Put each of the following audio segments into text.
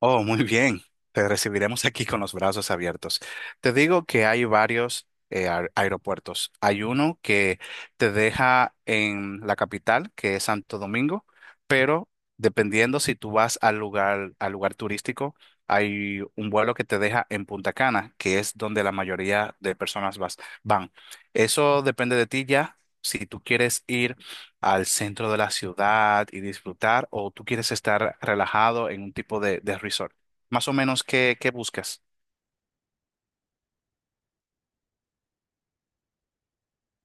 Oh, muy bien. Te recibiremos aquí con los brazos abiertos. Te digo que hay varios aeropuertos. Hay uno que te deja en la capital, que es Santo Domingo, pero dependiendo si tú vas al lugar turístico, hay un vuelo que te deja en Punta Cana, que es donde la mayoría de personas van. Eso depende de ti ya. Si tú quieres ir al centro de la ciudad y disfrutar o tú quieres estar relajado en un tipo de resort? Más o menos, ¿qué buscas?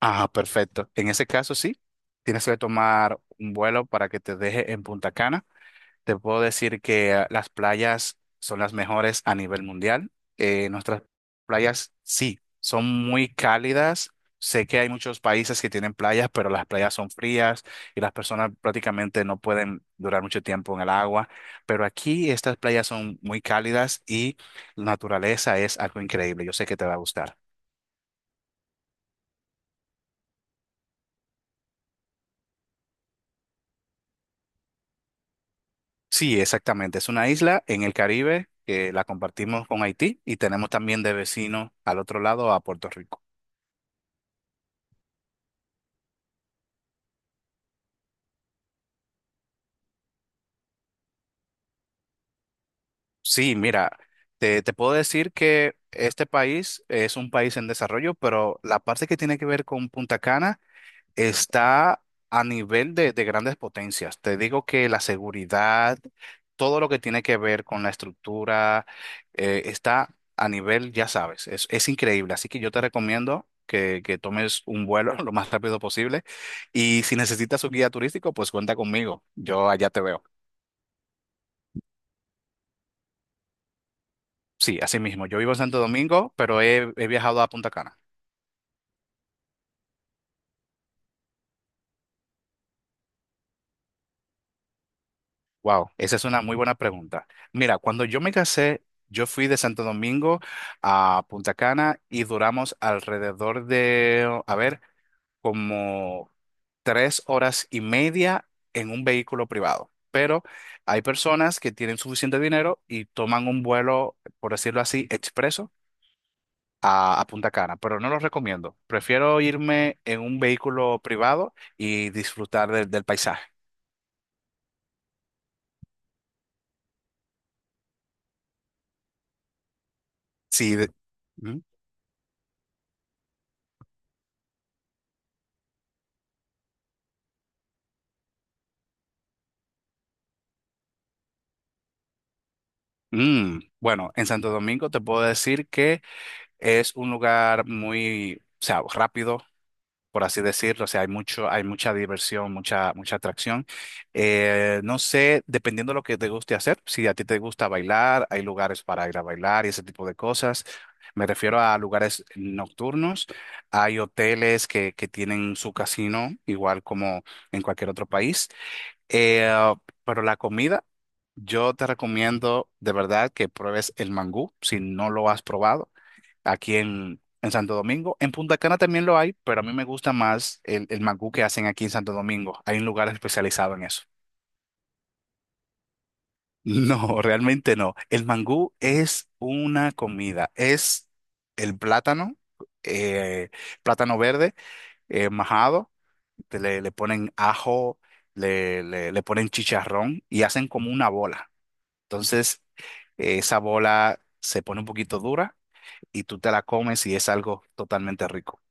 Ah, perfecto. En ese caso, sí, tienes que tomar un vuelo para que te deje en Punta Cana. Te puedo decir que las playas son las mejores a nivel mundial. Nuestras playas sí, son muy cálidas. Sé que hay muchos países que tienen playas, pero las playas son frías y las personas prácticamente no pueden durar mucho tiempo en el agua. Pero aquí estas playas son muy cálidas y la naturaleza es algo increíble. Yo sé que te va a gustar. Sí, exactamente. Es una isla en el Caribe que la compartimos con Haití y tenemos también de vecino al otro lado a Puerto Rico. Sí, mira, te puedo decir que este país es un país en desarrollo, pero la parte que tiene que ver con Punta Cana está a nivel de grandes potencias. Te digo que la seguridad, todo lo que tiene que ver con la estructura, está a nivel, ya sabes, es increíble. Así que yo te recomiendo que tomes un vuelo lo más rápido posible y si necesitas un guía turístico, pues cuenta conmigo. Yo allá te veo. Sí, así mismo. Yo vivo en Santo Domingo, pero he viajado a Punta Cana. Wow, esa es una muy buena pregunta. Mira, cuando yo me casé, yo fui de Santo Domingo a Punta Cana y duramos alrededor de, a ver, como 3 horas y media en un vehículo privado. Pero hay personas que tienen suficiente dinero y toman un vuelo, por decirlo así, expreso a Punta Cana, pero no lo recomiendo. Prefiero irme en un vehículo privado y disfrutar del paisaje. Sí, ¿Mm? Mm, bueno, en Santo Domingo te puedo decir que es un lugar muy, o sea, rápido, por así decirlo. O sea, hay mucha diversión, mucha, mucha atracción. No sé, dependiendo de lo que te guste hacer, si a ti te gusta bailar, hay lugares para ir a bailar y ese tipo de cosas. Me refiero a lugares nocturnos. Hay hoteles que tienen su casino, igual como en cualquier otro país. Eh, pero la comida, yo te recomiendo de verdad que pruebes el mangú si no lo has probado aquí en Santo Domingo. En Punta Cana también lo hay, pero a mí me gusta más el mangú que hacen aquí en Santo Domingo. Hay un lugar especializado en eso. No, realmente no. El mangú es una comida. Es el plátano, eh, plátano verde, majado. Le ponen ajo, le ponen chicharrón y hacen como una bola. Entonces, esa bola se pone un poquito dura y tú te la comes y es algo totalmente rico.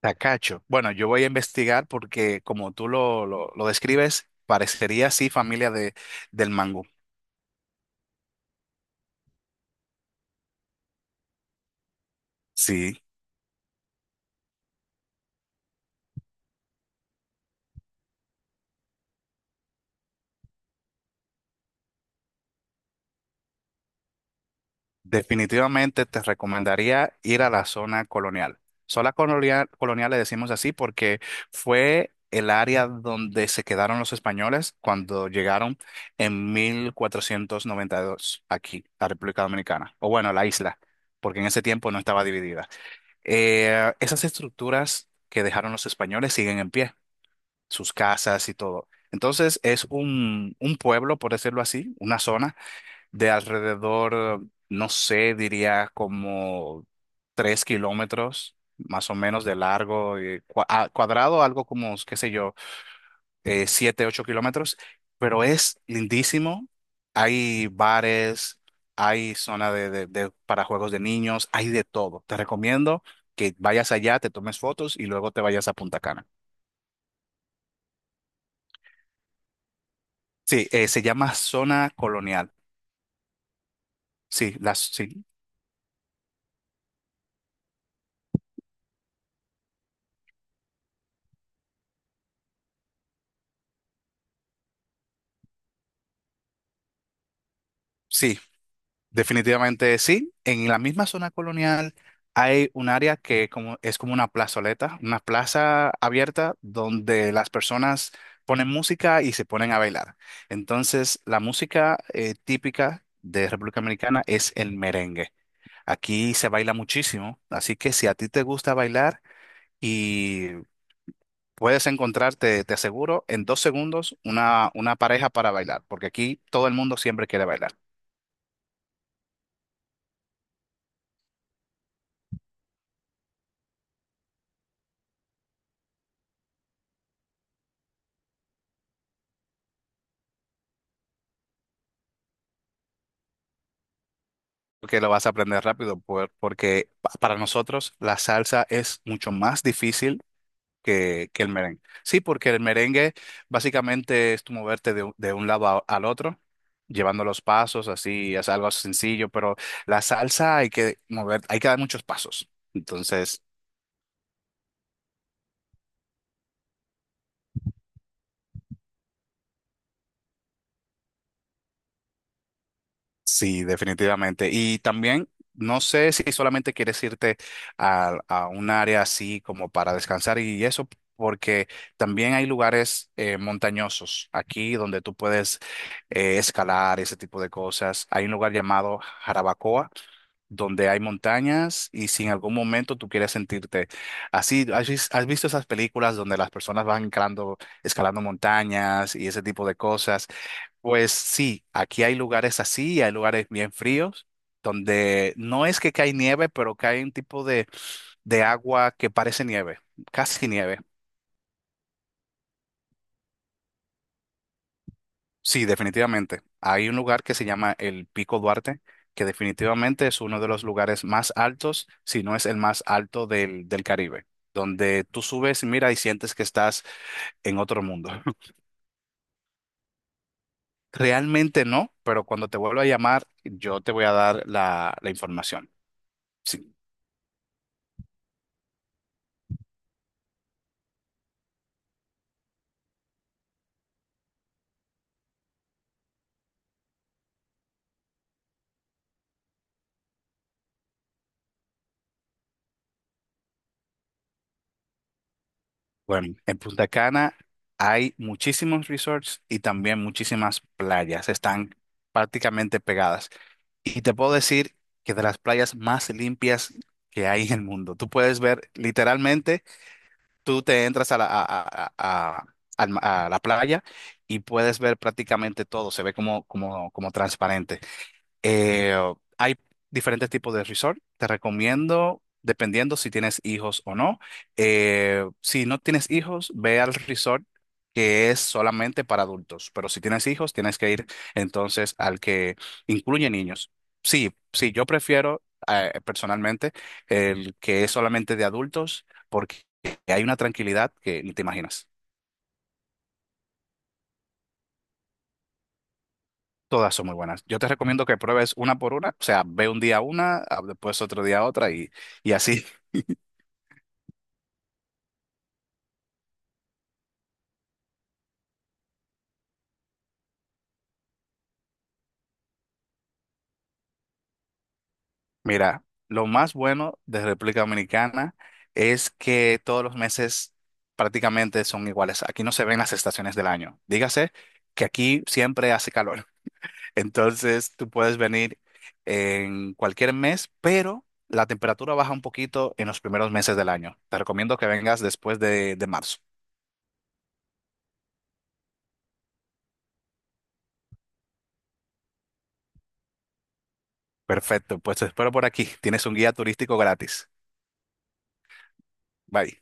Tacacho. Bueno, yo voy a investigar porque como tú lo describes, parecería así familia del mangú. Sí, definitivamente te recomendaría ir a la zona colonial. Zona colonial, colonial le decimos así porque fue el área donde se quedaron los españoles cuando llegaron en 1492 aquí, a República Dominicana, o bueno, a la isla, porque en ese tiempo no estaba dividida. Esas estructuras que dejaron los españoles siguen en pie. Sus casas y todo. Entonces es un, pueblo, por decirlo así, una zona de alrededor, no sé, diría como 3 kilómetros más o menos de largo, y cuadrado, algo como, qué sé yo, 7, 8 kilómetros, pero es lindísimo. Hay bares, hay zona para juegos de niños, hay de todo. Te recomiendo que vayas allá, te tomes fotos y luego te vayas a Punta Cana. Sí, se llama Zona Colonial. Sí, sí, sí, definitivamente sí. En la misma zona colonial hay un área es como una plazoleta, una plaza abierta donde las personas ponen música y se ponen a bailar. Entonces, la música típica de República Dominicana es el merengue. Aquí se baila muchísimo, así que si a ti te gusta bailar y puedes encontrarte, te aseguro, en 2 segundos una pareja para bailar, porque aquí todo el mundo siempre quiere bailar. Que lo vas a aprender rápido, porque para nosotros la salsa es mucho más difícil que el merengue. Sí, porque el merengue básicamente es tu moverte de un lado al otro, llevando los pasos, así es algo sencillo, pero la salsa hay que mover, hay que dar muchos pasos. Entonces, sí, definitivamente. Y también no sé si solamente quieres irte a un área así como para descansar y eso, porque también hay lugares montañosos aquí donde tú puedes escalar ese tipo de cosas. Hay un lugar llamado Jarabacoa donde hay montañas y si en algún momento tú quieres sentirte así, ¿ has visto esas películas donde las personas van escalando, escalando montañas y ese tipo de cosas? Pues sí, aquí hay lugares así, y hay lugares bien fríos, donde no es que cae nieve, pero cae un tipo de agua que parece nieve, casi nieve. Sí, definitivamente. Hay un lugar que se llama el Pico Duarte, que definitivamente es uno de los lugares más altos, si no es el más alto del Caribe, donde tú subes, mira y sientes que estás en otro mundo. Realmente no, pero cuando te vuelva a llamar, yo te voy a dar la información. Sí. Bueno, en Punta Cana hay muchísimos resorts y también muchísimas playas. Están prácticamente pegadas. Y te puedo decir que de las playas más limpias que hay en el mundo. Tú puedes ver, literalmente, tú te entras a la, a- al ma- a la playa y puedes ver prácticamente todo. Se ve como transparente. Eh, Hay diferentes tipos de resort. Te recomiendo, dependiendo si tienes hijos o no. Si no tienes hijos, ve al resort que es solamente para adultos. Pero si tienes hijos, tienes que ir entonces al que incluye niños. Sí, sí, yo prefiero personalmente el que es solamente de adultos porque hay una tranquilidad que ni te imaginas. Todas son muy buenas. Yo te recomiendo que pruebes una por una, o sea, ve un día una, después otro día otra y así. Mira, lo más bueno de República Dominicana es que todos los meses prácticamente son iguales. Aquí no se ven las estaciones del año. Dígase que aquí siempre hace calor. Entonces tú puedes venir en cualquier mes, pero la temperatura baja un poquito en los primeros meses del año. Te recomiendo que vengas después de marzo. Perfecto, pues te espero por aquí. Tienes un guía turístico gratis. Bye.